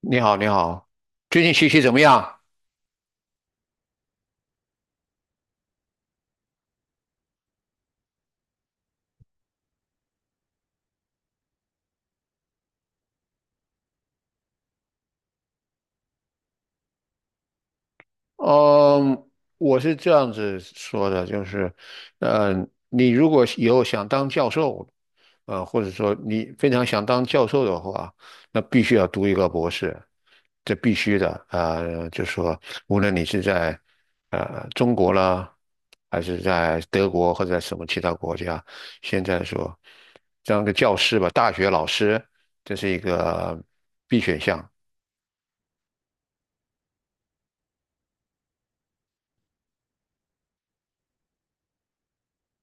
你好，你好，最近学习怎么样？嗯，我是这样子说的，就是，嗯，你如果以后想当教授，或者说你非常想当教授的话，那必须要读一个博士，这必须的。就说无论你是在中国啦，还是在德国或者在什么其他国家，现在说当个教师吧，大学老师，这是一个必选项。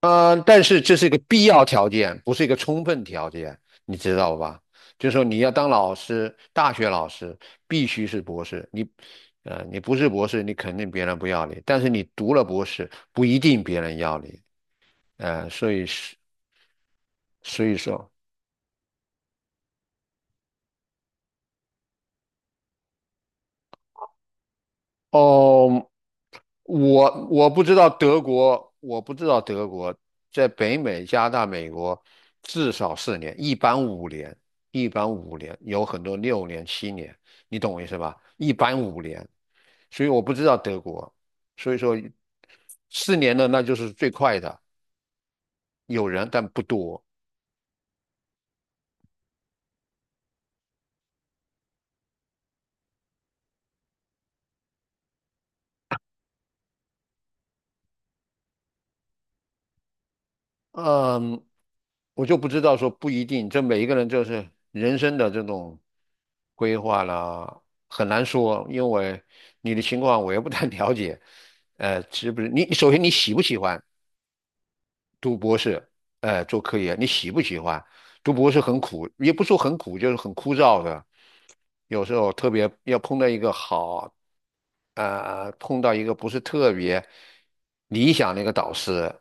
嗯，但是这是一个必要条件，不是一个充分条件，你知道吧？就是说你要当老师，大学老师必须是博士，你，你不是博士，你肯定别人不要你，但是你读了博士，不一定别人要你，呃，所以是，所以说，哦。我不知道德国，我不知道德国在北美、加拿大、美国至少四年，一般五年，一般五年，有很多六年、七年，你懂我意思吧？一般五年，所以我不知道德国，所以说四年的那就是最快的，有人但不多。嗯，我就不知道说不一定，这每一个人就是人生的这种规划啦，很难说，因为你的情况我也不太 了解。呃，是不是你首先你喜不喜欢？读博士，呃，做科研，你喜不喜欢？读博士很苦，也不说很苦，就是很枯燥的。有时候特别要碰到一个好，碰到一个不是特别理想的一个导师，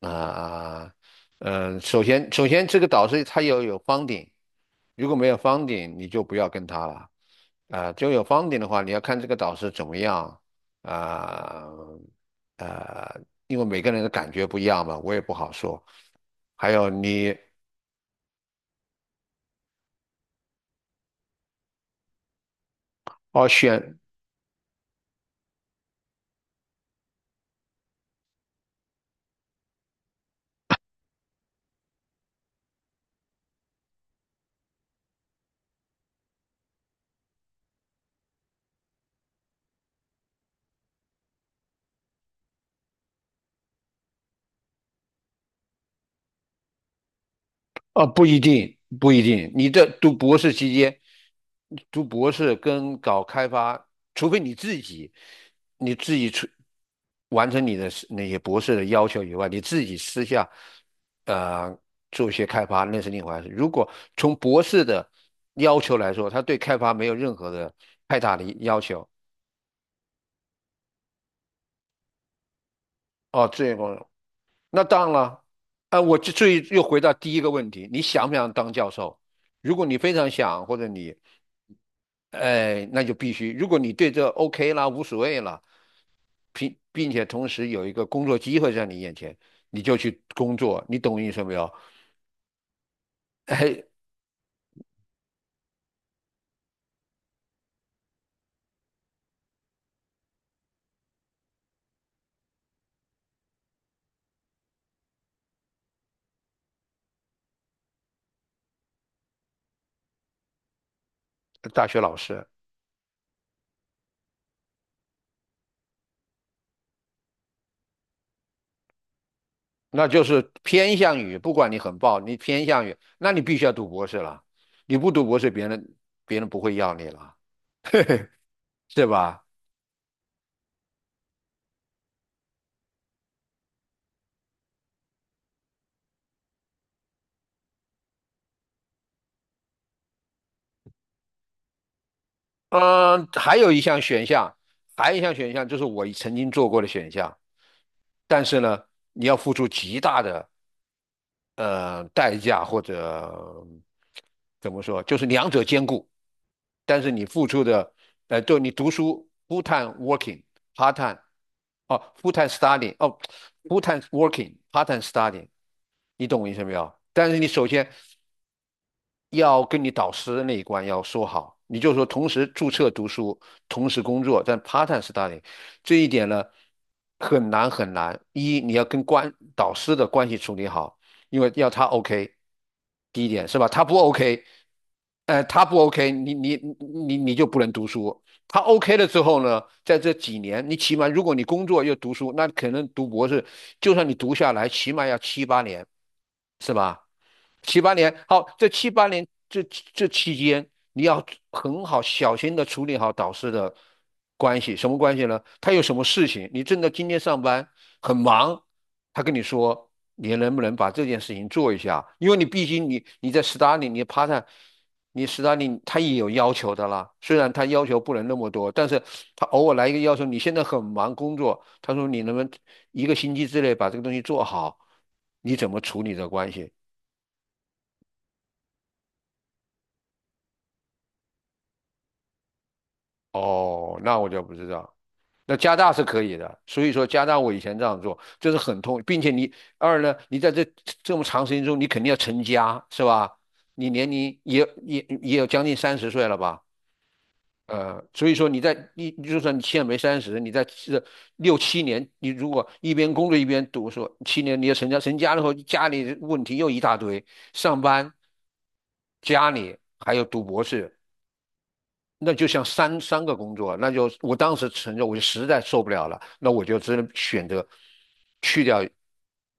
啊、首先这个导师他要有方 u， 如果没有方 u 你就不要跟他了。就有方 u 的话，你要看这个导师怎么样，啊、呃呃，因为每个人的感觉不一样嘛，我也不好说。还有你哦，选哦，不一定，不一定。你这读博士期间，读博士跟搞开发，除非你自己，你自己出完成你的是那些博士的要求以外，你自己私下呃做一些开发，那是另外回事。如果从博士的要求来说，他对开发没有任何的太大的要求。哦，这个那当然了，我就最又回到第一个问题，你想不想当教授？如果你非常想，或者你，那就必须。如果你对这 OK 啦，无所谓了，并且同时有一个工作机会在你眼前，你就去工作。你懂我意思没有？哎，大学老师，那就是偏向于，不管你很爆，你偏向于，那你必须要读博士了。你不读博士，别人不会要你了，对吧？嗯，还有一项选项，还有一项选项就是我曾经做过的选项，但是呢，你要付出极大的代价或者怎么说，就是两者兼顾，但是你付出的，呃，就你读书 full time working part time，哦 full time studying，哦 full time working part time studying，你懂我意思没有？但是你首先要跟你导师那一关要说好，你就说同时注册读书，同时工作，但 part time study 这一点呢很难很难。一你要跟关导师的关系处理好，因为要他 OK，第一点是吧？他不 OK，他不 OK，你就不能读书，他 OK 了之后呢，在这几年，你起码如果你工作又读书，那可能读博士，就算你读下来，起码要七八年，是吧？七八年，好，这七八年这期间，你要很好小心的处理好导师的关系，什么关系呢？他有什么事情，你正在今天上班很忙，他跟你说你能不能把这件事情做一下，因为你毕竟你在斯大林，你趴在你斯大林他也有要求的啦，虽然他要求不能那么多，但是他偶尔来一个要求，你现在很忙工作，他说你能不能一个星期之内把这个东西做好，你怎么处理这关系？哦，那我就不知道。那加大是可以的，所以说加大我以前这样做，这是很痛，并且你二呢，你在这这么长时间中，你肯定要成家，是吧？你年龄也有将近三十岁了吧？所以说你在你就算你现在没三十，你在这六七年，你如果一边工作一边读书，七年你要成家，成家了后家里问题又一大堆，上班、家里还有读博士，那就像三个工作，那就我当时承认，我就实在受不了了，那我就只能选择去掉，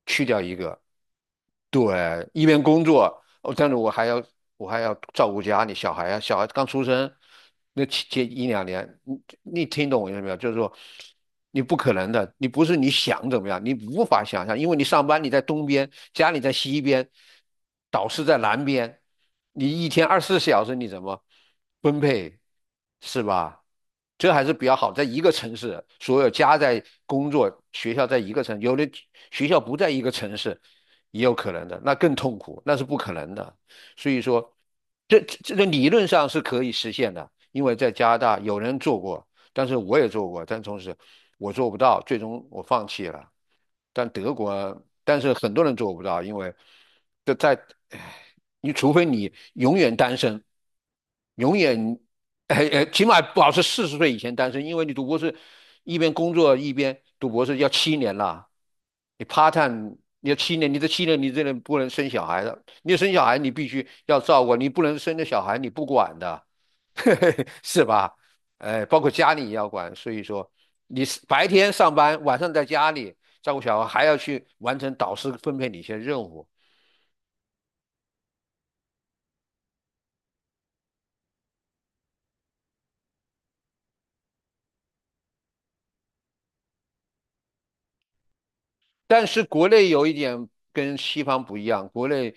去掉一个。对，一边工作，哦，但是我还要照顾家里小孩啊，小孩刚出生，那前一两年，你你听懂我意思没有？就是说，你不可能的，你不是你想怎么样，你无法想象，因为你上班你在东边，家里在西边，导师在南边，你一天二十四小时你怎么分配？是吧？这还是比较好，在一个城市，所有家在工作，学校在一个城，有的学校不在一个城市，也有可能的，那更痛苦，那是不可能的。所以说，这个理论上是可以实现的，因为在加拿大有人做过，但是我也做过，但同时我做不到，最终我放弃了。但德国啊，但是很多人做不到，因为这在，唉你除非你永远单身，永远，起码保持四十岁以前单身，因为你读博士，一边工作一边读博士要七年了，你 part time 你要七年，你这七年你这人不能生小孩的，你生小孩你必须要照顾，你不能生了小孩你不管的，是吧？哎，包括家里也要管，所以说你白天上班，晚上在家里照顾小孩，还要去完成导师分配你一些任务。但是国内有一点跟西方不一样，国内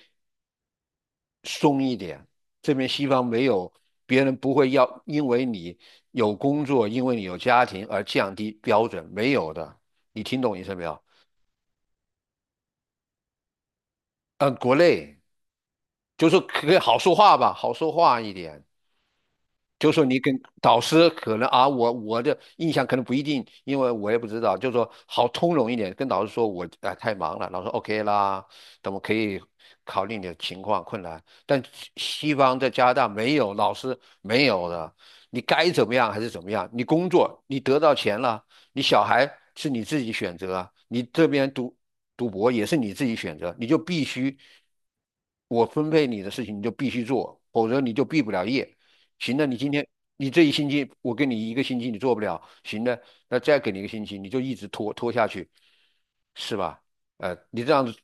松一点，这边西方没有，别人不会要因为你有工作，因为你有家庭而降低标准，没有的。你听懂意思没有？嗯，国内就是可以好说话吧，好说话一点。就是说你跟导师可能啊，我我的印象可能不一定，因为我也不知道，就是说好通融一点，跟导师说我啊、太忙了，老师 OK 啦，等我可以考虑你的情况困难。但西方在加拿大没有，老师没有的，你该怎么样还是怎么样，你工作你得到钱了，你小孩是你自己选择啊，你这边读读博也是你自己选择，你就必须我分配你的事情你就必须做，否则你就毕不了业。行了，你今天你这一星期，我给你一个星期，你做不了，行了，那再给你一个星期，你就一直拖拖下去，是吧？呃，你这样子，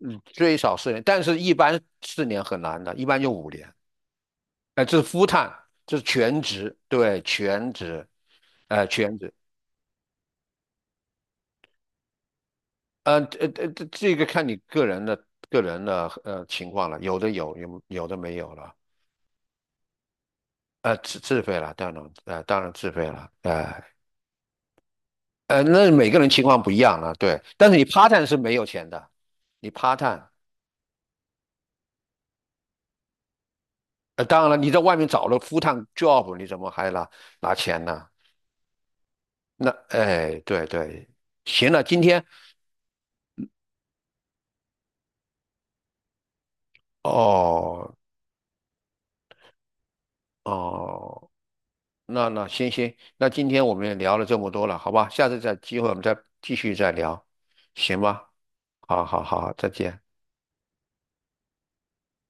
嗯最少四年，但是一般四年很难的，一般就五年。哎、这是 full time，这是全职，对，全职，哎、全职，这这个看你个人的个人的情况了，有的有，有有的没有了，呃，自费了，当然，呃，当然自费了，那每个人情况不一样了，对。但是你 part time 是没有钱的，你 part time，呃，当然了，你在外面找了 full time job，你怎么还拿钱呢？那，哎，对对，行了，今天，哦哦，那那行，那今天我们也聊了这么多了，好吧？下次再机会我们再继续再聊，行吧？好好好，再见。